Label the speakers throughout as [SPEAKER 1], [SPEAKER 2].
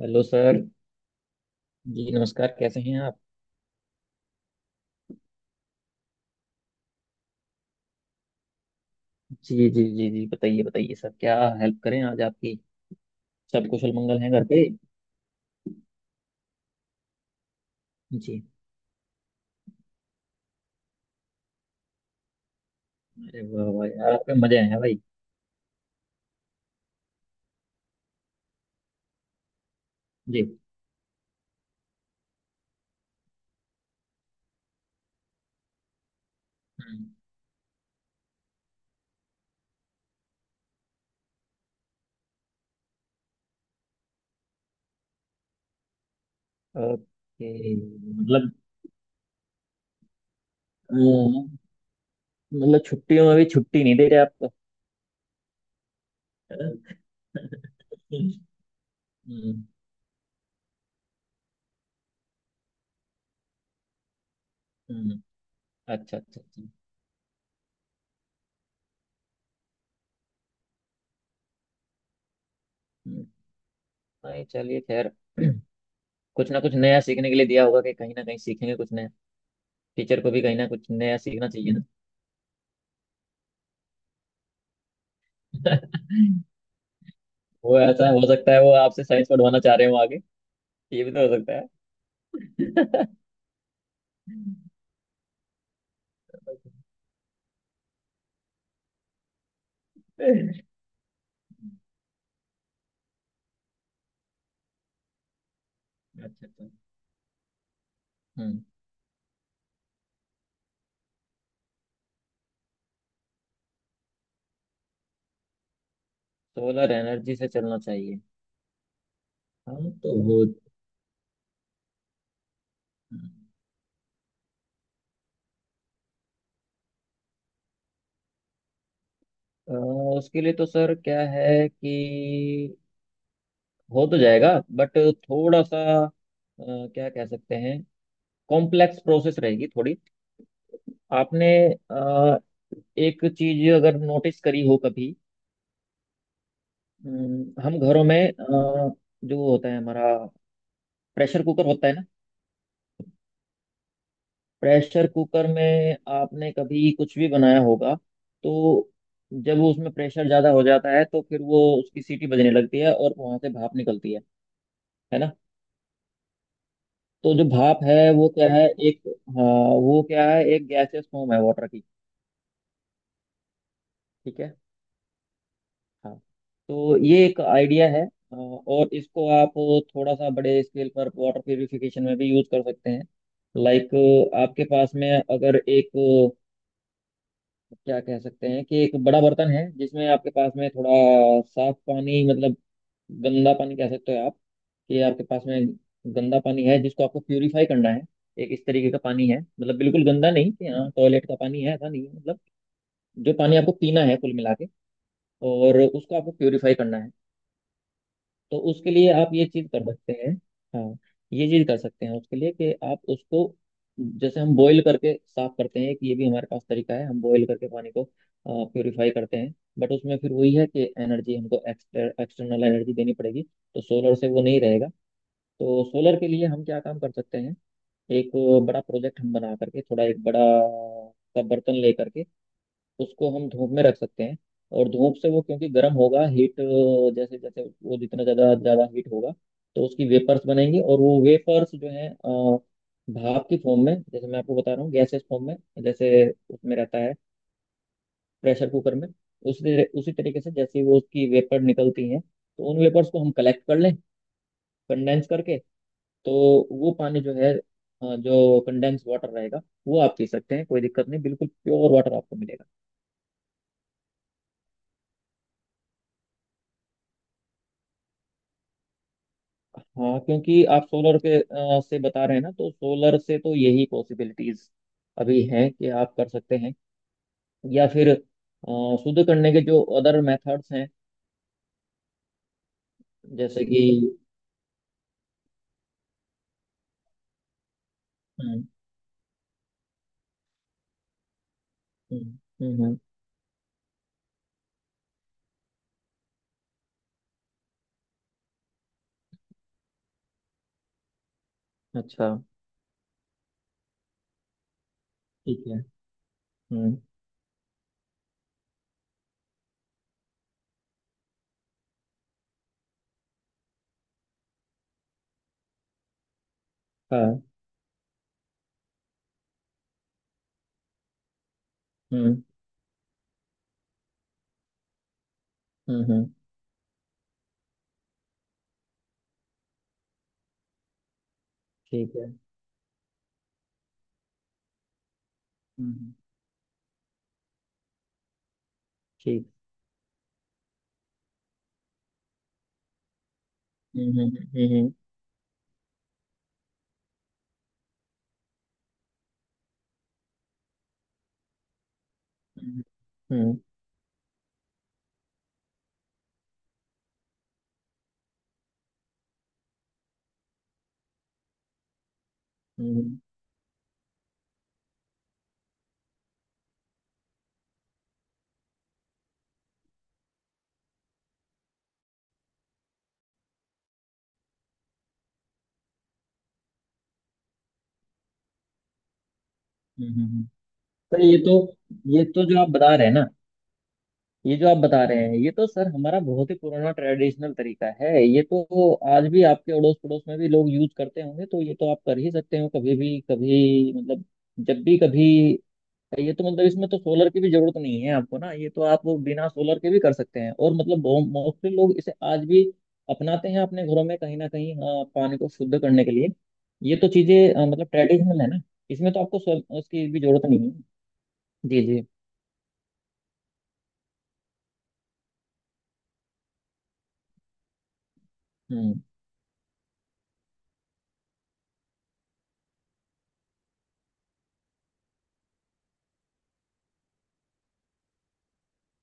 [SPEAKER 1] Hello sir. Ji नमस्कार, कैसे हैं आप? जी जी जी जी, बताइए बताइए सर, क्या हेल्प करें आज आपकी। सब कुशल मंगल हैं घर पे? जी। अरे वाह वाह यार, आपके मजे हैं भाई। जी। हम्म। ओके, मतलब। हम्म। मतलब छुट्टियों में भी छुट्टी नहीं दे रहे आपको। हम्म। हम्म। अच्छा अच्छा अच्छा। हम्म। नहीं चलिए खैर, कुछ ना कुछ नया सीखने के लिए दिया होगा कि कहीं ना कहीं सीखेंगे कुछ नया। टीचर को भी कहीं ना कुछ नया सीखना चाहिए। ना वो ऐसा हो सकता है, वो आपसे साइंस पढ़वाना चाह रहे हो आगे। ये भी तो हो सकता है। अच्छा। अच्छा। हम्म। सोलर एनर्जी से चलना चाहिए? हम तो हो। अ, उसके लिए तो सर क्या है कि हो तो जाएगा, बट थोड़ा सा, अ, क्या कह सकते हैं, कॉम्प्लेक्स प्रोसेस रहेगी थोड़ी। आपने अ, एक चीज अगर नोटिस करी हो कभी। हम घरों में, जो होता है हमारा, प्रेशर कुकर होता है ना। प्रेशर कुकर में आपने कभी कुछ भी बनाया होगा, तो जब वो उसमें प्रेशर ज्यादा हो जाता है तो फिर वो उसकी सीटी बजने लगती है और वहां से भाप निकलती है। है ना। तो जो भाप है वो क्या है एक। हाँ। वो क्या है, एक गैसियस फॉर्म है वाटर की। ठीक है। हाँ। तो ये एक आइडिया है, और इसको आप थोड़ा सा बड़े स्केल पर वाटर प्यूरिफिकेशन में भी यूज कर सकते हैं। लाइक आपके पास में अगर एक, क्या कह सकते हैं कि एक बड़ा बर्तन है जिसमें आपके पास में थोड़ा साफ पानी, मतलब गंदा पानी कह सकते हो आप, कि आपके पास में गंदा पानी है जिसको आपको प्यूरिफाई करना है। एक इस तरीके का पानी है, मतलब बिल्कुल गंदा नहीं कि हाँ टॉयलेट का पानी है, ऐसा नहीं है। मतलब जो पानी आपको पीना है कुल मिला के, और उसको आपको प्यूरिफाई करना है, तो उसके लिए आप ये चीज कर सकते हैं। हाँ। ये चीज कर सकते हैं उसके लिए कि आप उसको, जैसे हम बॉईल करके साफ करते हैं, कि ये भी हमारे पास तरीका है, हम बॉईल करके पानी को प्योरीफाई करते हैं, बट उसमें फिर वही है कि एनर्जी हमको एक्सटर्नल एनर्जी देनी पड़ेगी, तो सोलर से वो नहीं रहेगा। तो सोलर के लिए हम क्या काम कर सकते हैं, एक बड़ा प्रोजेक्ट हम बना करके, थोड़ा एक बड़ा सा बर्तन ले करके उसको हम धूप में रख सकते हैं, और धूप से वो क्योंकि गर्म होगा, हीट, जैसे जैसे वो जितना ज़्यादा ज़्यादा हीट होगा तो उसकी वेपर्स बनेंगी, और वो वेपर्स जो है, भाप की फॉर्म में, जैसे मैं आपको बता रहा हूँ, गैसेस फॉर्म में, जैसे उसमें रहता है, प्रेशर कुकर में, उसी उसी तरीके से, जैसे वो उसकी वेपर निकलती हैं, तो उन वेपर्स को हम कलेक्ट कर लें, कंडेंस करके। तो वो पानी जो है, जो कंडेंस वाटर रहेगा, वो आप पी सकते हैं, कोई दिक्कत नहीं, बिल्कुल प्योर वाटर आपको मिलेगा। हाँ क्योंकि आप सोलर के, से बता रहे हैं ना, तो सोलर से तो यही पॉसिबिलिटीज अभी हैं कि आप कर सकते हैं, या फिर शुद्ध करने के जो अदर मेथड्स हैं, जैसे कि। हम्म। हम्म। हम्म। हम्म। अच्छा। ठीक है। हम्म। हाँ। हम्म। हम्म। हम्म। ठीक है। हम्म। ठीक। हम्म। हम्म। हम्म। हम्म। हम्म। हम्म। हम्म। हम्म। हम्म। तो ये तो जो आप बता रहे हैं ना, ये जो आप बता रहे हैं ये तो सर हमारा बहुत ही पुराना ट्रेडिशनल तरीका है। ये तो आज भी आपके अड़ोस पड़ोस में भी लोग यूज करते होंगे, तो ये तो आप कर ही सकते हो, कभी भी, कभी, मतलब जब भी कभी। ये तो मतलब इसमें तो सोलर की भी जरूरत नहीं है आपको ना, ये तो आप बिना सोलर के भी कर सकते हैं, और मतलब मोस्टली लोग इसे आज भी अपनाते हैं अपने घरों में कहीं ना कहीं, हाँ, पानी को शुद्ध करने के लिए। ये तो चीजें मतलब ट्रेडिशनल है ना, इसमें तो आपको उसकी भी जरूरत नहीं है। जी जी। हम्म।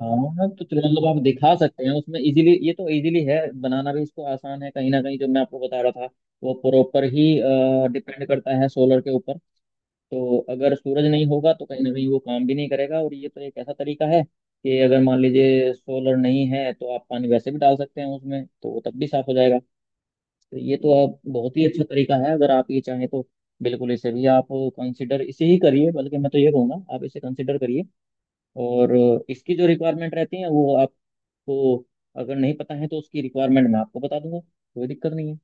[SPEAKER 1] हाँ तो चलो, मतलब आप दिखा सकते हैं उसमें इजीली, ये तो इजीली है, बनाना भी इसको आसान है। कहीं ना कहीं जो मैं आपको बता रहा था, वो प्रॉपर ही डिपेंड करता है सोलर के ऊपर, तो अगर सूरज नहीं होगा तो कहीं ना कहीं वो काम भी नहीं करेगा। और ये तो एक ऐसा तरीका है कि अगर मान लीजिए सोलर नहीं है तो आप पानी वैसे भी डाल सकते हैं उसमें, तो वो तब भी साफ हो जाएगा। तो ये तो आप, बहुत ही अच्छा तरीका है अगर आप ये चाहें तो। बिल्कुल इसे भी आप कंसिडर, इसे ही करिए, बल्कि मैं तो ये कहूँगा आप इसे कंसिडर करिए। और इसकी जो रिक्वायरमेंट रहती है वो आपको, अगर नहीं पता है तो उसकी रिक्वायरमेंट मैं आपको बता दूंगा, कोई दिक्कत नहीं है।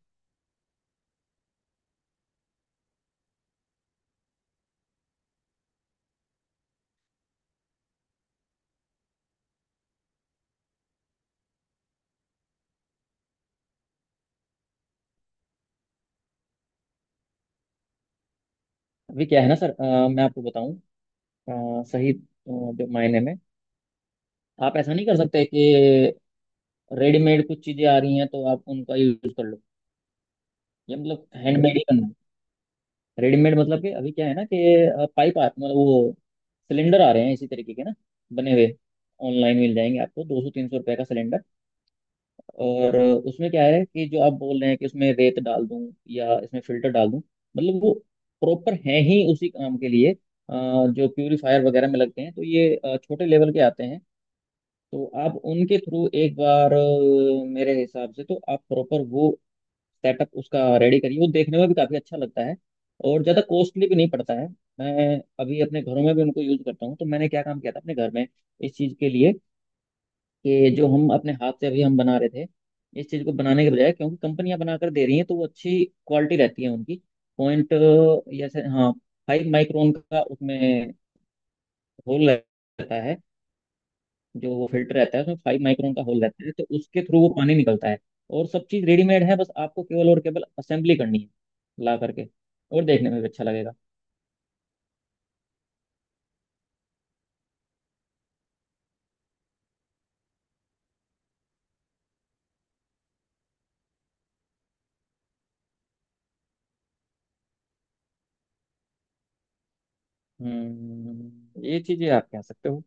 [SPEAKER 1] अभी क्या है ना सर, मैं आपको बताऊं, अ, सही अ, जो मायने में, आप ऐसा नहीं कर सकते कि रेडीमेड कुछ चीजें आ रही हैं तो आप उनका यूज कर लो। ये मतलब हैंडमेड ही करना है। रेडीमेड मतलब कि अभी क्या है ना कि, पाइप आ मतलब वो सिलेंडर आ रहे हैं इसी तरीके के ना, बने हुए, ऑनलाइन मिल जाएंगे आपको, 200 300 रुपए का सिलेंडर। और उसमें क्या है कि जो आप बोल रहे हैं कि इसमें रेत डाल दूं या इसमें फिल्टर डाल दूं, मतलब वो प्रॉपर है ही उसी काम के लिए, जो प्यूरिफायर वगैरह में लगते हैं, तो ये छोटे लेवल के आते हैं। तो आप उनके थ्रू एक बार, मेरे हिसाब से तो आप प्रॉपर वो सेटअप उसका रेडी करिए, वो देखने में भी काफ़ी अच्छा लगता है, और ज़्यादा कॉस्टली भी नहीं पड़ता है। मैं अभी अपने घरों में भी उनको यूज़ करता हूँ। तो मैंने क्या काम किया था अपने घर में इस चीज़ के लिए, कि जो हम अपने हाथ से अभी हम बना रहे थे, इस चीज़ को बनाने के बजाय, क्योंकि कंपनियां बनाकर दे रही हैं तो वो अच्छी क्वालिटी रहती है उनकी, पॉइंट, जैसे, हाँ, 5 माइक्रोन का उसमें होल रहता है, जो वो फिल्टर रहता है उसमें 5 माइक्रोन का होल रहता है, तो उसके थ्रू वो पानी निकलता है। और सब चीज़ रेडीमेड है, बस आपको केवल और केवल असेंबली करनी है ला करके, और देखने में भी अच्छा लगेगा। हम्म, ये चीज़ें आप कह सकते हो।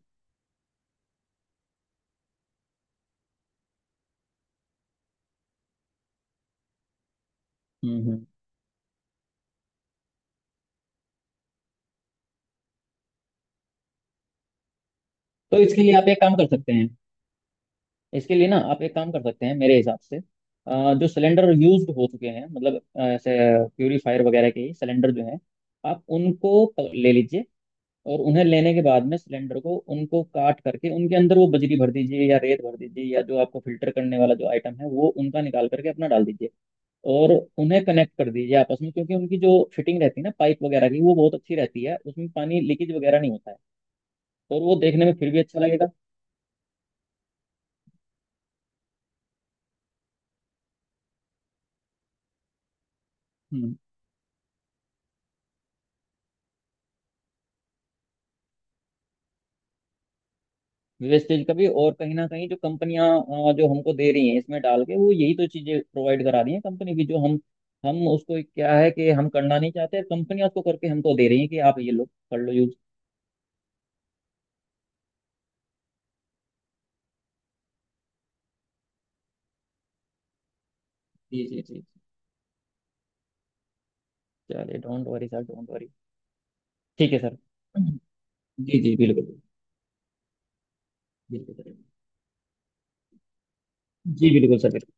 [SPEAKER 1] हम्म। हम्म। तो इसके लिए आप एक काम कर सकते हैं, इसके लिए ना आप एक काम कर सकते हैं मेरे हिसाब से, जो सिलेंडर यूज्ड हो चुके हैं, मतलब ऐसे प्यूरीफायर वगैरह के सिलेंडर जो हैं, आप उनको ले लीजिए, और उन्हें लेने के बाद में सिलेंडर को उनको काट करके उनके अंदर वो बजरी भर दीजिए या रेत भर दीजिए, या जो आपको फिल्टर करने वाला जो आइटम है वो उनका निकाल करके अपना डाल दीजिए, और उन्हें कनेक्ट कर दीजिए आपस में, क्योंकि उनकी जो फिटिंग रहती है ना पाइप वगैरह की वो बहुत अच्छी रहती है, उसमें पानी लीकेज वगैरह नहीं होता है, और वो देखने में फिर भी अच्छा लगेगा। वेस्टेज का भी, और कहीं ना कहीं जो कंपनियां, जो हमको दे रही हैं इसमें डाल के, वो यही तो चीजें प्रोवाइड करा रही हैं कंपनी की, जो हम उसको क्या है कि हम करना नहीं चाहते, कंपनियां उसको करके हमको दे रही हैं कि आप ये लो, कर लो यूज। जी जी जी। चलिए don't worry sir, don't worry. ठीक है सर। जी जी बिल्कुल बिल्कुल। बिल्कुल करेंगे। जी बिल्कुल सर, बिल्कुल।